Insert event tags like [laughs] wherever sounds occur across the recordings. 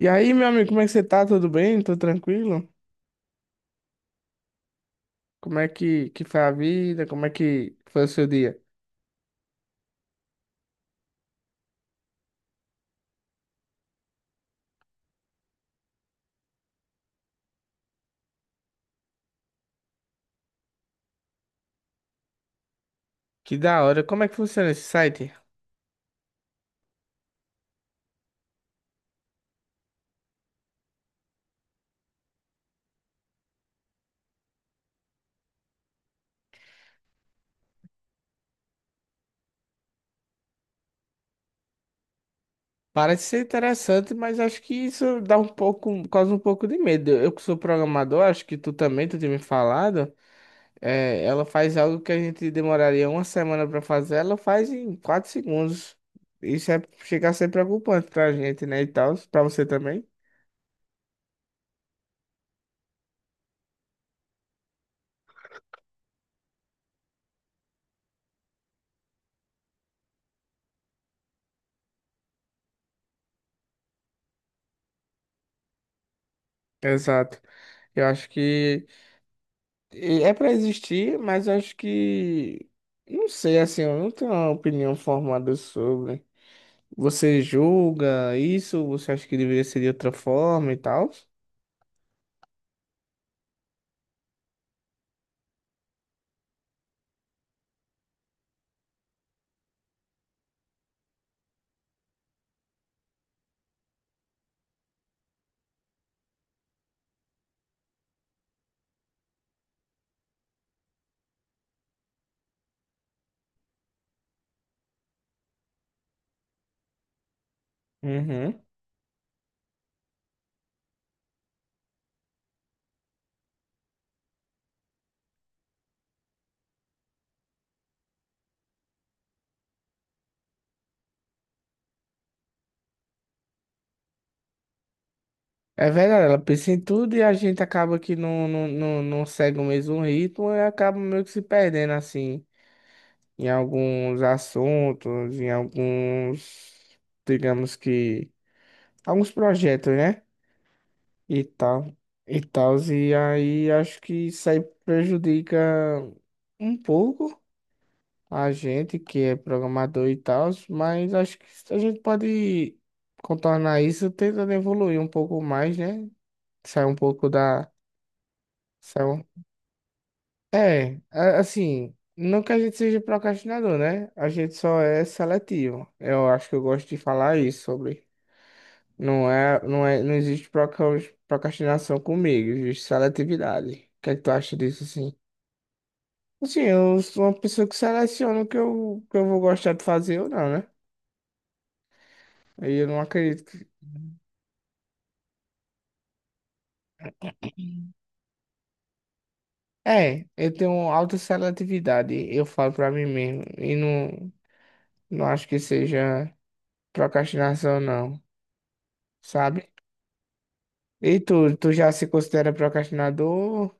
E aí, meu amigo, como é que você tá? Tudo bem? Tudo tranquilo? Como é que foi a vida? Como é que foi o seu dia? Que da hora. Como é que funciona esse site? Parece ser interessante, mas acho que isso dá um pouco, causa um pouco de medo. Eu que sou programador, acho que tu também, tu tinha me falado, é, ela faz algo que a gente demoraria uma semana pra fazer, ela faz em quatro segundos. Isso é, chega a ser preocupante pra gente, né, e tal, pra você também. Exato. Eu acho que é para existir, mas eu acho que. Não sei, assim, eu não tenho uma opinião formada sobre. Você julga isso? Você acha que deveria ser de outra forma e tal? Uhum. É verdade, ela pensa em tudo e a gente acaba que não segue o mesmo ritmo e acaba meio que se perdendo, assim, em alguns assuntos, em alguns, digamos que, alguns projetos, né? E tal, e aí acho que isso aí prejudica um pouco a gente que é programador e tal, mas acho que a gente pode contornar isso tentando evoluir um pouco mais, né? Sair um pouco da, sair um- é, assim, não que a gente seja procrastinador, né? A gente só é seletivo. Eu acho que eu gosto de falar isso sobre. Não é, não existe procrastinação comigo, existe seletividade. O que é que tu acha disso, assim? Assim, eu sou uma pessoa que seleciona o que eu vou gostar de fazer ou não, né? Aí eu não acredito que... É, eu tenho alta seletividade, eu falo pra mim mesmo. E não, não acho que seja procrastinação, não. Sabe? E tu já se considera procrastinador?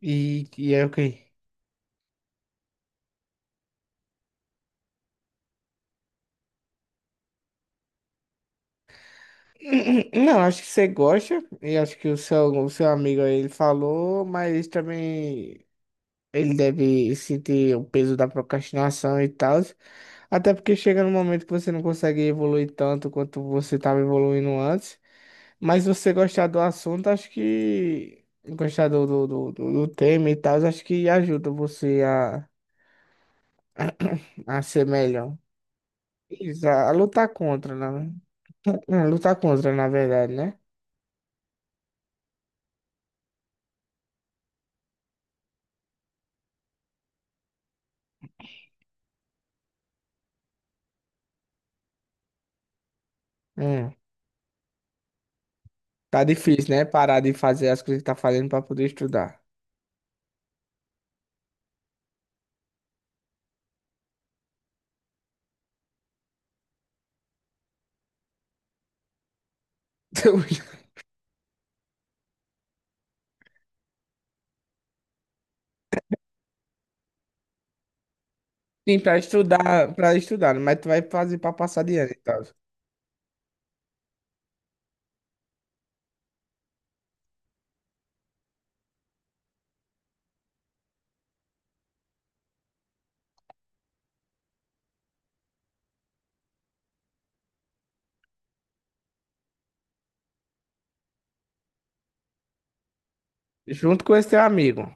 E é o quê? [clears throat] Não, acho que você gosta, e acho que o seu amigo aí ele falou, mas também ele deve sentir o peso da procrastinação e tal. Até porque chega num momento que você não consegue evoluir tanto quanto você estava evoluindo antes. Mas se você gostar do assunto, acho que gostar do tema e tal, acho que ajuda você a, [clears throat] a ser melhor. Lutar contra, né? Lutar [laughs] contra, na verdade, né? Hum. Tá difícil, né? Parar de fazer as coisas que tá fazendo pra poder estudar. [laughs] Sim, pra estudar, mas tu vai fazer pra passar de ano e tal. Junto com esse teu amigo.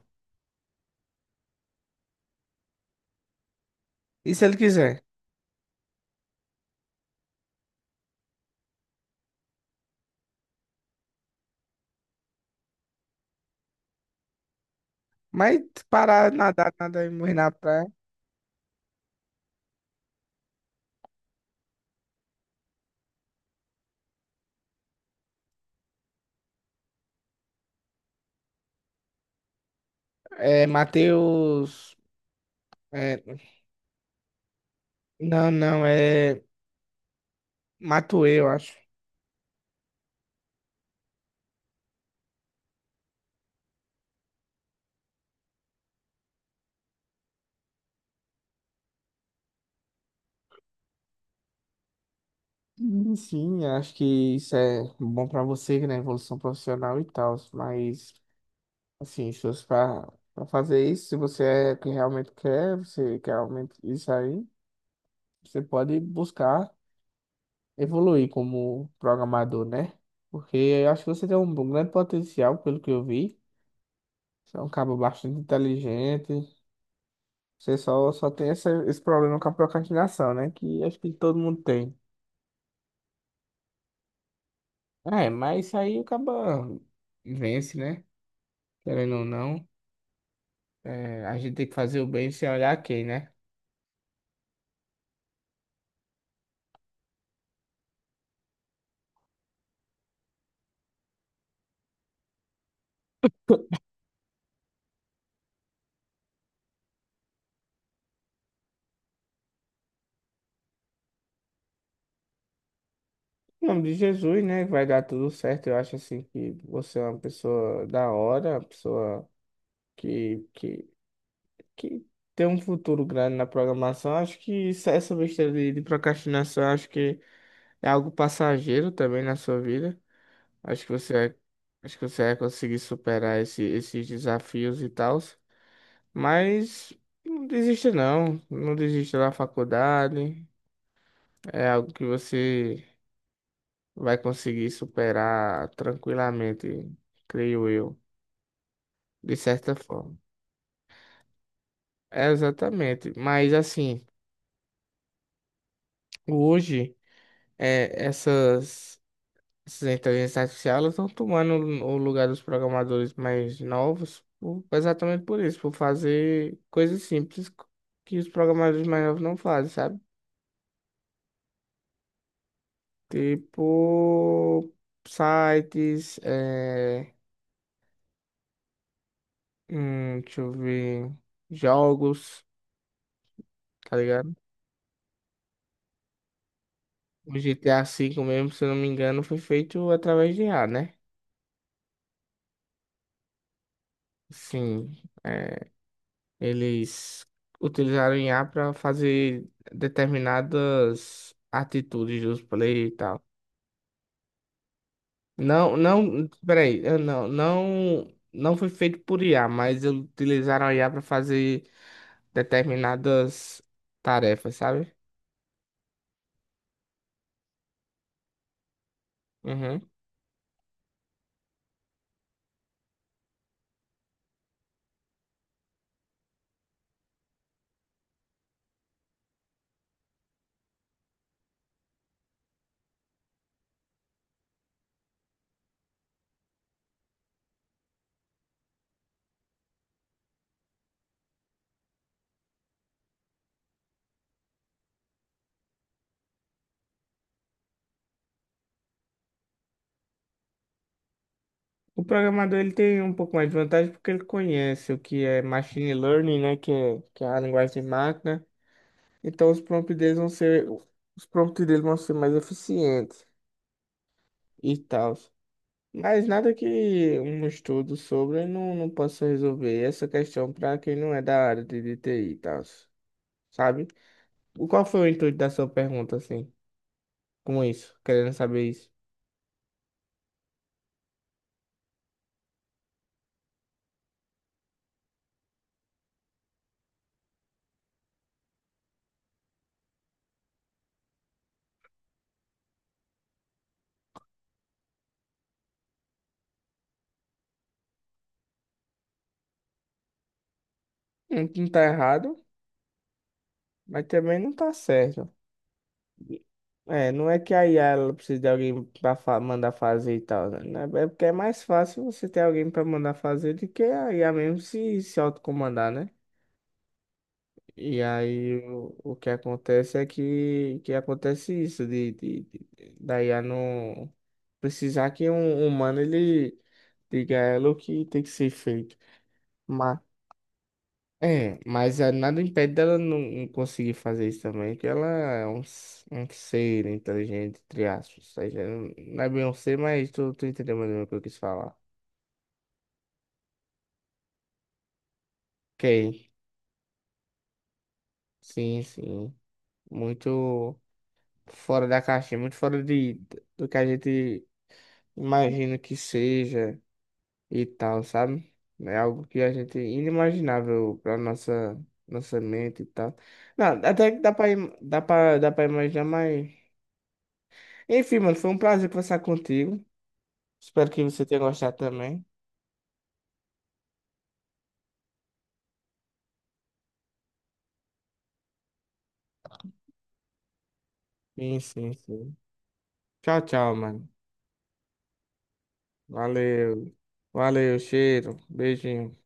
E se ele quiser? Mas parar, nadar, nada e morrer na praia. É, Matheus. É, não, não, é. Matuê, eu acho. Sim, sim, acho que isso é bom pra você, né? Evolução profissional e tal, mas. Assim, esforço para fazer isso. Se você é que realmente quer, você quer realmente isso aí, você pode buscar evoluir como programador, né? Porque eu acho que você tem um grande potencial, pelo que eu vi. Você é um cabo bastante inteligente. Você só tem esse problema com a procrastinação, né? Que acho que todo mundo tem. É, mas isso aí acaba vence, né? Querendo ou não, é, a gente tem que fazer o bem sem olhar quem, né? Em nome de Jesus, né? Vai dar tudo certo. Eu acho assim que você é uma pessoa da hora, uma pessoa que, que, que tem um futuro grande na programação. Acho que é essa besteira de procrastinação, acho que é algo passageiro também na sua vida. Acho que acho que você vai conseguir superar esses desafios e tal. Mas não desista não, não desista da faculdade. É algo que você vai conseguir superar tranquilamente, creio eu, de certa forma. É exatamente, mas assim, hoje é, essas inteligências artificiais elas estão tomando o lugar dos programadores mais novos, exatamente por isso, por fazer coisas simples que os programadores mais novos não fazem, sabe? Tipo sites, é, deixa eu ver, jogos, tá ligado? O GTA V mesmo, se eu não me engano, foi feito através de IA, né? Sim, é, eles utilizaram IA para fazer determinadas atitudes dos players e tal. Não, não, peraí, eu não, não foi feito por IA, mas eles utilizaram a IA para fazer determinadas tarefas, sabe? Uhum. O programador ele tem um pouco mais de vantagem porque ele conhece o que é machine learning, né? Que é a linguagem de máquina. Então os prompts deles vão ser mais eficientes e tal. Mas nada que um estudo sobre não, não possa resolver essa questão para quem não é da área de TI e tal, sabe? Qual foi o intuito da sua pergunta, assim, com isso, querendo saber isso? Não, não tá errado, mas também não tá certo. É, não é que a IA ela precisa de alguém para mandar fazer e tal, né? É porque é mais fácil você ter alguém para mandar fazer do que a IA mesmo se autocomandar, né? E aí o que acontece é que acontece isso, da IA não precisar que um humano ele diga a ela o que tem que ser feito. Mas, mas é, nada impede dela não conseguir fazer isso também, que ela é um, um ser inteligente, entre aspas. Ou seja, não é bem um ser, mas tu entendeu mais ou menos o que eu quis falar. Ok, sim, sim. Muito fora da caixinha, muito fora de, do que a gente imagino que seja e tal, sabe? É algo que a gente inimaginável para nossa mente e tal. Não, até que dá para imaginar, mas enfim, mano, foi um prazer conversar contigo. Espero que você tenha gostado também. Sim, sim, sim. Tchau, tchau, mano. Valeu. Valeu, cheiro. Beijinho.